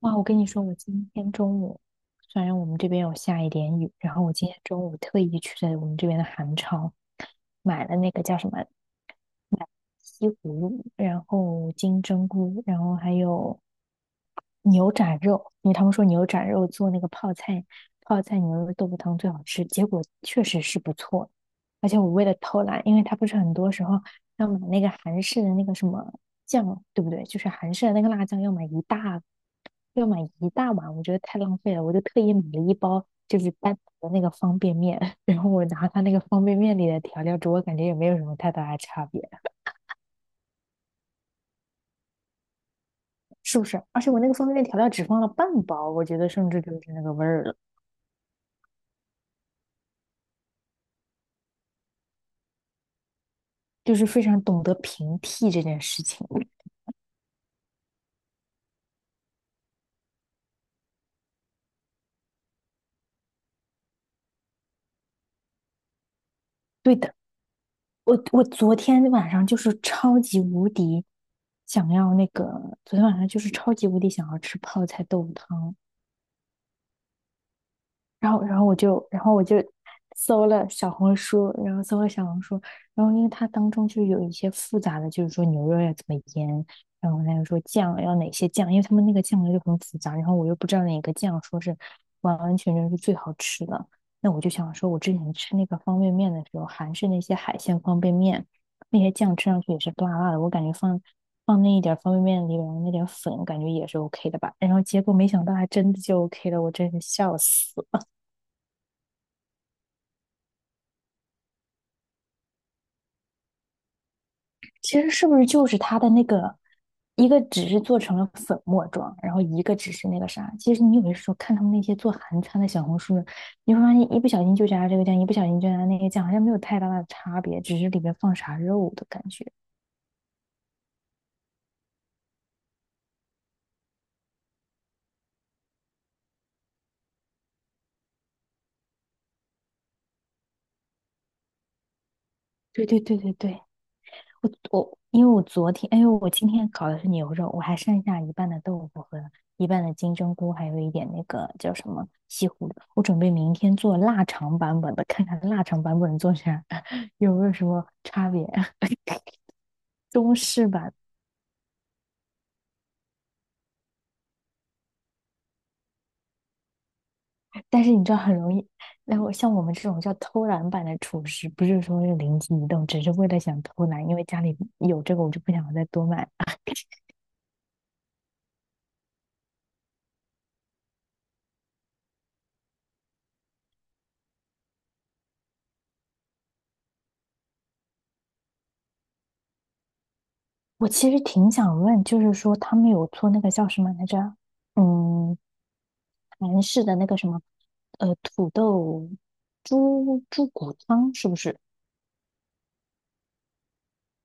哇，我跟你说，我今天中午虽然我们这边有下一点雨，然后我今天中午特意去在我们这边的韩超买了那个叫什么西葫芦，然后金针菇，然后还有牛展肉，因为他们说牛展肉做那个泡菜牛肉豆腐汤最好吃，结果确实是不错。而且我为了偷懒，因为它不是很多时候要买那个韩式的那个什么酱，对不对？就是韩式的那个辣酱要买一大要买一大碗，我觉得太浪费了，我就特意买了一包就是单独的那个方便面，然后我拿它那个方便面里的调料煮，我感觉也没有什么太大的差别。是不是？而且我那个方便面调料只放了半包，我觉得甚至就是那个味儿了，就是非常懂得平替这件事情。对的，我昨天晚上就是超级无敌想要那个，昨天晚上就是超级无敌想要吃泡菜豆腐汤，然后，然后我就搜了小红书，然后因为它当中就有一些复杂的，就是说牛肉要怎么腌，然后还有说酱要哪些酱，因为他们那个酱料就很复杂，然后我又不知道哪个酱说是完完全全是最好吃的，那我就想说，我之前吃那个方便面的时候，韩式那些海鲜方便面，那些酱吃上去也是辣辣的，我感觉放。放那一点方便面里边那点粉，感觉也是 OK 的吧。然后结果没想到还真的就 OK 了，我真是笑死。其实是不是就是它的那个，一个只是做成了粉末状，然后一个只是那个啥。其实你有的时候看他们那些做韩餐的小红书，你会发现一不小心就加这个酱，一不小心就加那个酱，好像没有太大的差别，只是里面放啥肉的感觉。对对对对对，我因为我昨天，哎呦，我今天搞的是牛肉，我还剩下一半的豆腐和一半的金针菇，还有一点那个叫什么西葫芦。我准备明天做腊肠版本的，看看腊肠版本做成啥有没有什么差别？中式版，但是你知道很容易，那我像我们这种叫偷懒版的厨师，不是说是灵机一动，只是为了想偷懒，因为家里有这个，我就不想再多买。我其实挺想问，就是说他们有做那个叫什么来着？嗯，韩式的那个什么，土豆猪骨汤是不是？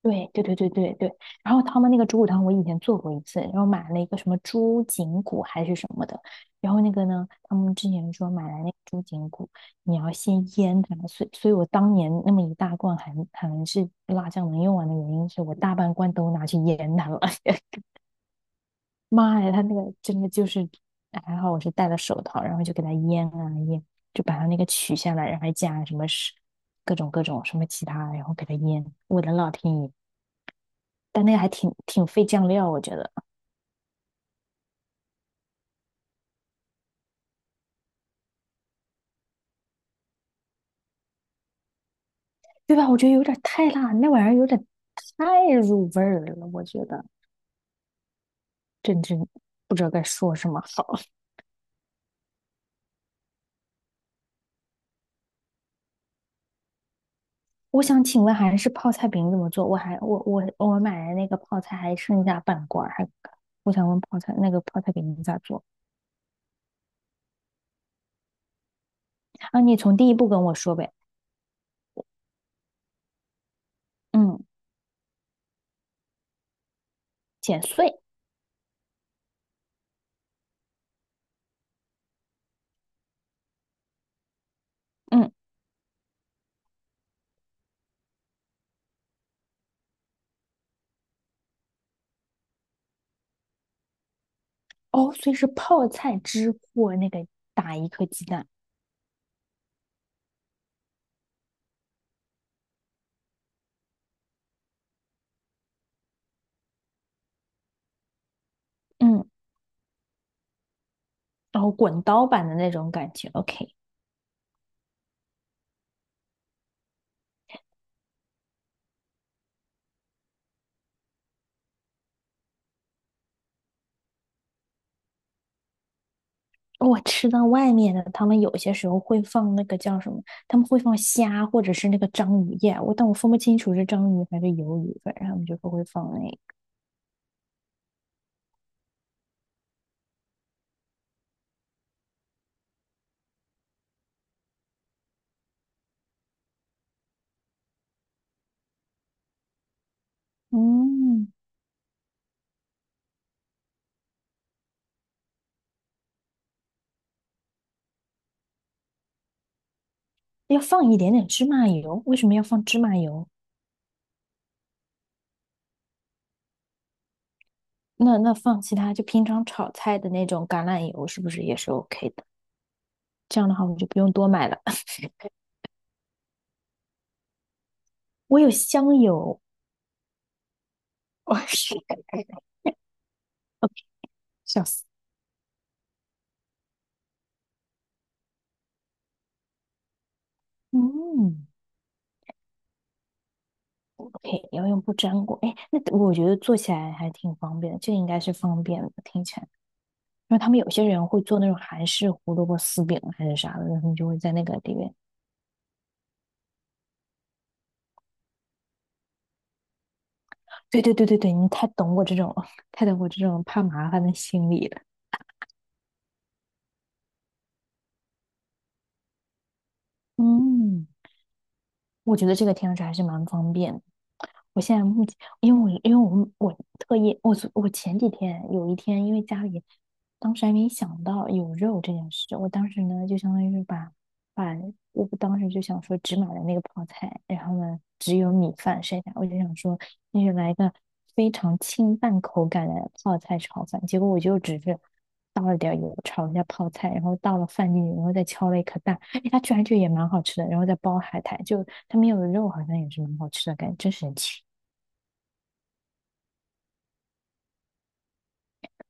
对对对对对对，然后他们那个猪骨汤我以前做过一次，然后买了一个什么猪颈骨还是什么的，然后那个呢，他们之前说买来那个猪颈骨，你要先腌它，所以我当年那么一大罐还韩是辣酱能用完的原因是我大半罐都拿去腌它了，妈呀，它那个真的就是还好我是戴了手套，然后就给它腌啊腌，就把它那个取下来，然后还加什么是各种各种什么其他，然后给它腌，我的老天爷！但那个还挺费酱料，我觉得，对吧？我觉得有点太辣，那玩意儿有点太入味儿了，我觉得真不知道该说什么好。我想请问还是泡菜饼怎么做？我还我买的那个泡菜还剩下半罐儿，还我想问泡菜那个泡菜饼咋做啊？你从第一步跟我说呗。嗯，剪碎，嗯，哦，所以是泡菜汁或那个打一颗鸡蛋，嗯，然后滚刀版的那种感觉，OK。我吃到外面的，他们有些时候会放那个叫什么，他们会放虾或者是那个章鱼耶，我但我分不清楚是章鱼还是鱿鱼，反正他们就不会放那个。嗯，要放一点点芝麻油，为什么要放芝麻油？那那放其他就平常炒菜的那种橄榄油是不是也是 OK 的？这样的话我们就不用多买了。我有香油，我是 笑死。嗯，OK，要用不粘锅，哎，那我觉得做起来还挺方便的，这应该是方便的，听起来。因为他们有些人会做那种韩式胡萝卜丝饼啊还是啥的，然后他们就会在那个里面。对对对对对，你太懂我这种，太懂我这种怕麻烦的心理了。嗯，我觉得这个听上去还是蛮方便的。我现在目前，因为我特意我前几天有一天，因为家里当时还没想到有肉这件事，我当时呢就相当于是把我当时就想说只买了那个泡菜，然后呢只有米饭剩下，我就想说那就来一个非常清淡口感的泡菜炒饭，结果我就只是倒了点油炒了一下泡菜，然后倒了饭进去，然后再敲了一颗蛋，哎，它居然就也蛮好吃的，然后再包海苔，就它没有肉，好像也是蛮好吃的感觉，真神奇。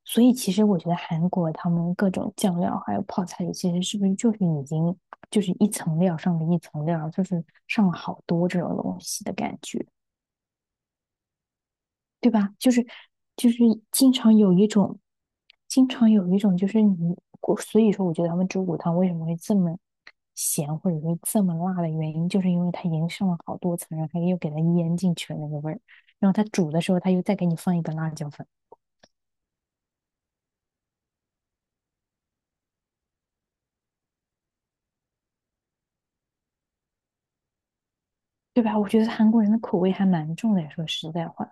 所以其实我觉得韩国他们各种酱料还有泡菜里其实是不是就是已经就是一层料上了一层料，就是上了好多这种东西的感觉，对吧？就是经常有一种，经常有一种就是你，我所以说我觉得他们猪骨汤为什么会这么咸或者说这么辣的原因，就是因为它已经上了好多层，然后它又给它腌进去了那个味儿，然后它煮的时候它又再给你放一个辣椒粉，对吧？我觉得韩国人的口味还蛮重的，说实在话。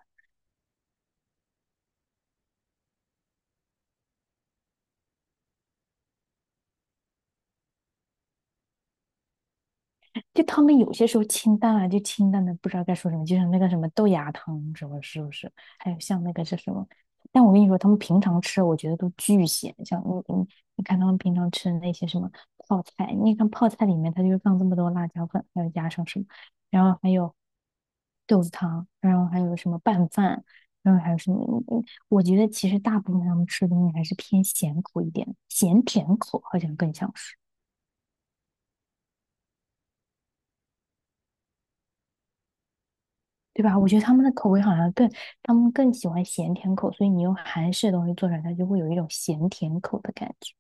就他们有些时候清淡啊，就清淡的不知道该说什么，就像那个什么豆芽汤什么，是不是？还有像那个是什么？但我跟你说，他们平常吃，我觉得都巨咸。像你你看他们平常吃的那些什么泡菜，你看泡菜里面它就是放这么多辣椒粉，还有加上什么，然后还有豆子汤，然后还有什么拌饭，然后还有什么？嗯我觉得其实大部分他们吃的东西还是偏咸口一点，咸甜口好像更像是。对吧？我觉得他们的口味好像更，他们更喜欢咸甜口，所以你用韩式的东西做出来，它就会有一种咸甜口的感觉。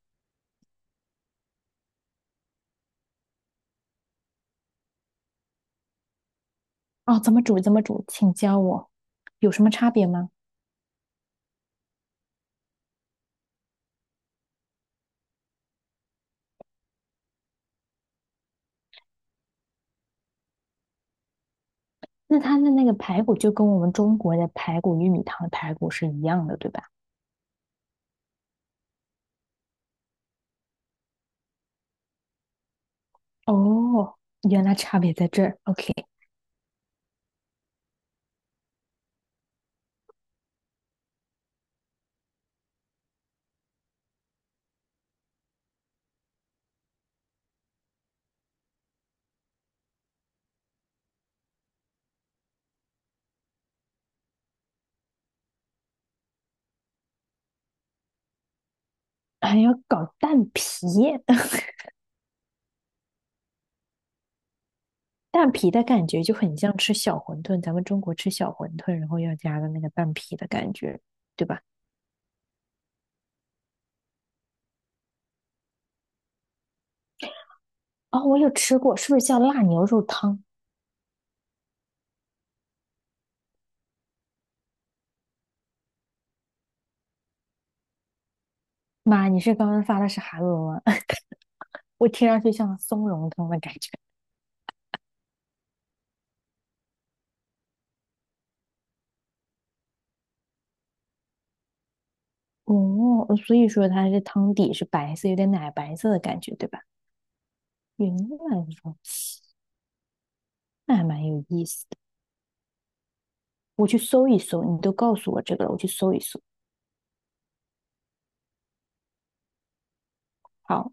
哦，怎么煮？怎么煮？请教我，有什么差别吗？那它的那个排骨就跟我们中国的排骨、玉米汤的排骨是一样的，对吧？哦，原来差别在这儿。OK，还要搞蛋皮，蛋皮的感觉就很像吃小馄饨，咱们中国吃小馄饨，然后要加的那个蛋皮的感觉，对吧？哦，我有吃过，是不是叫辣牛肉汤？妈，你是刚刚发的是韩文吗？我听上去像松茸汤的感觉。哦，所以说它是汤底是白色，有点奶白色的感觉，对吧？原来如此，那还蛮有意思的。我去搜一搜，你都告诉我这个了，我去搜一搜。好。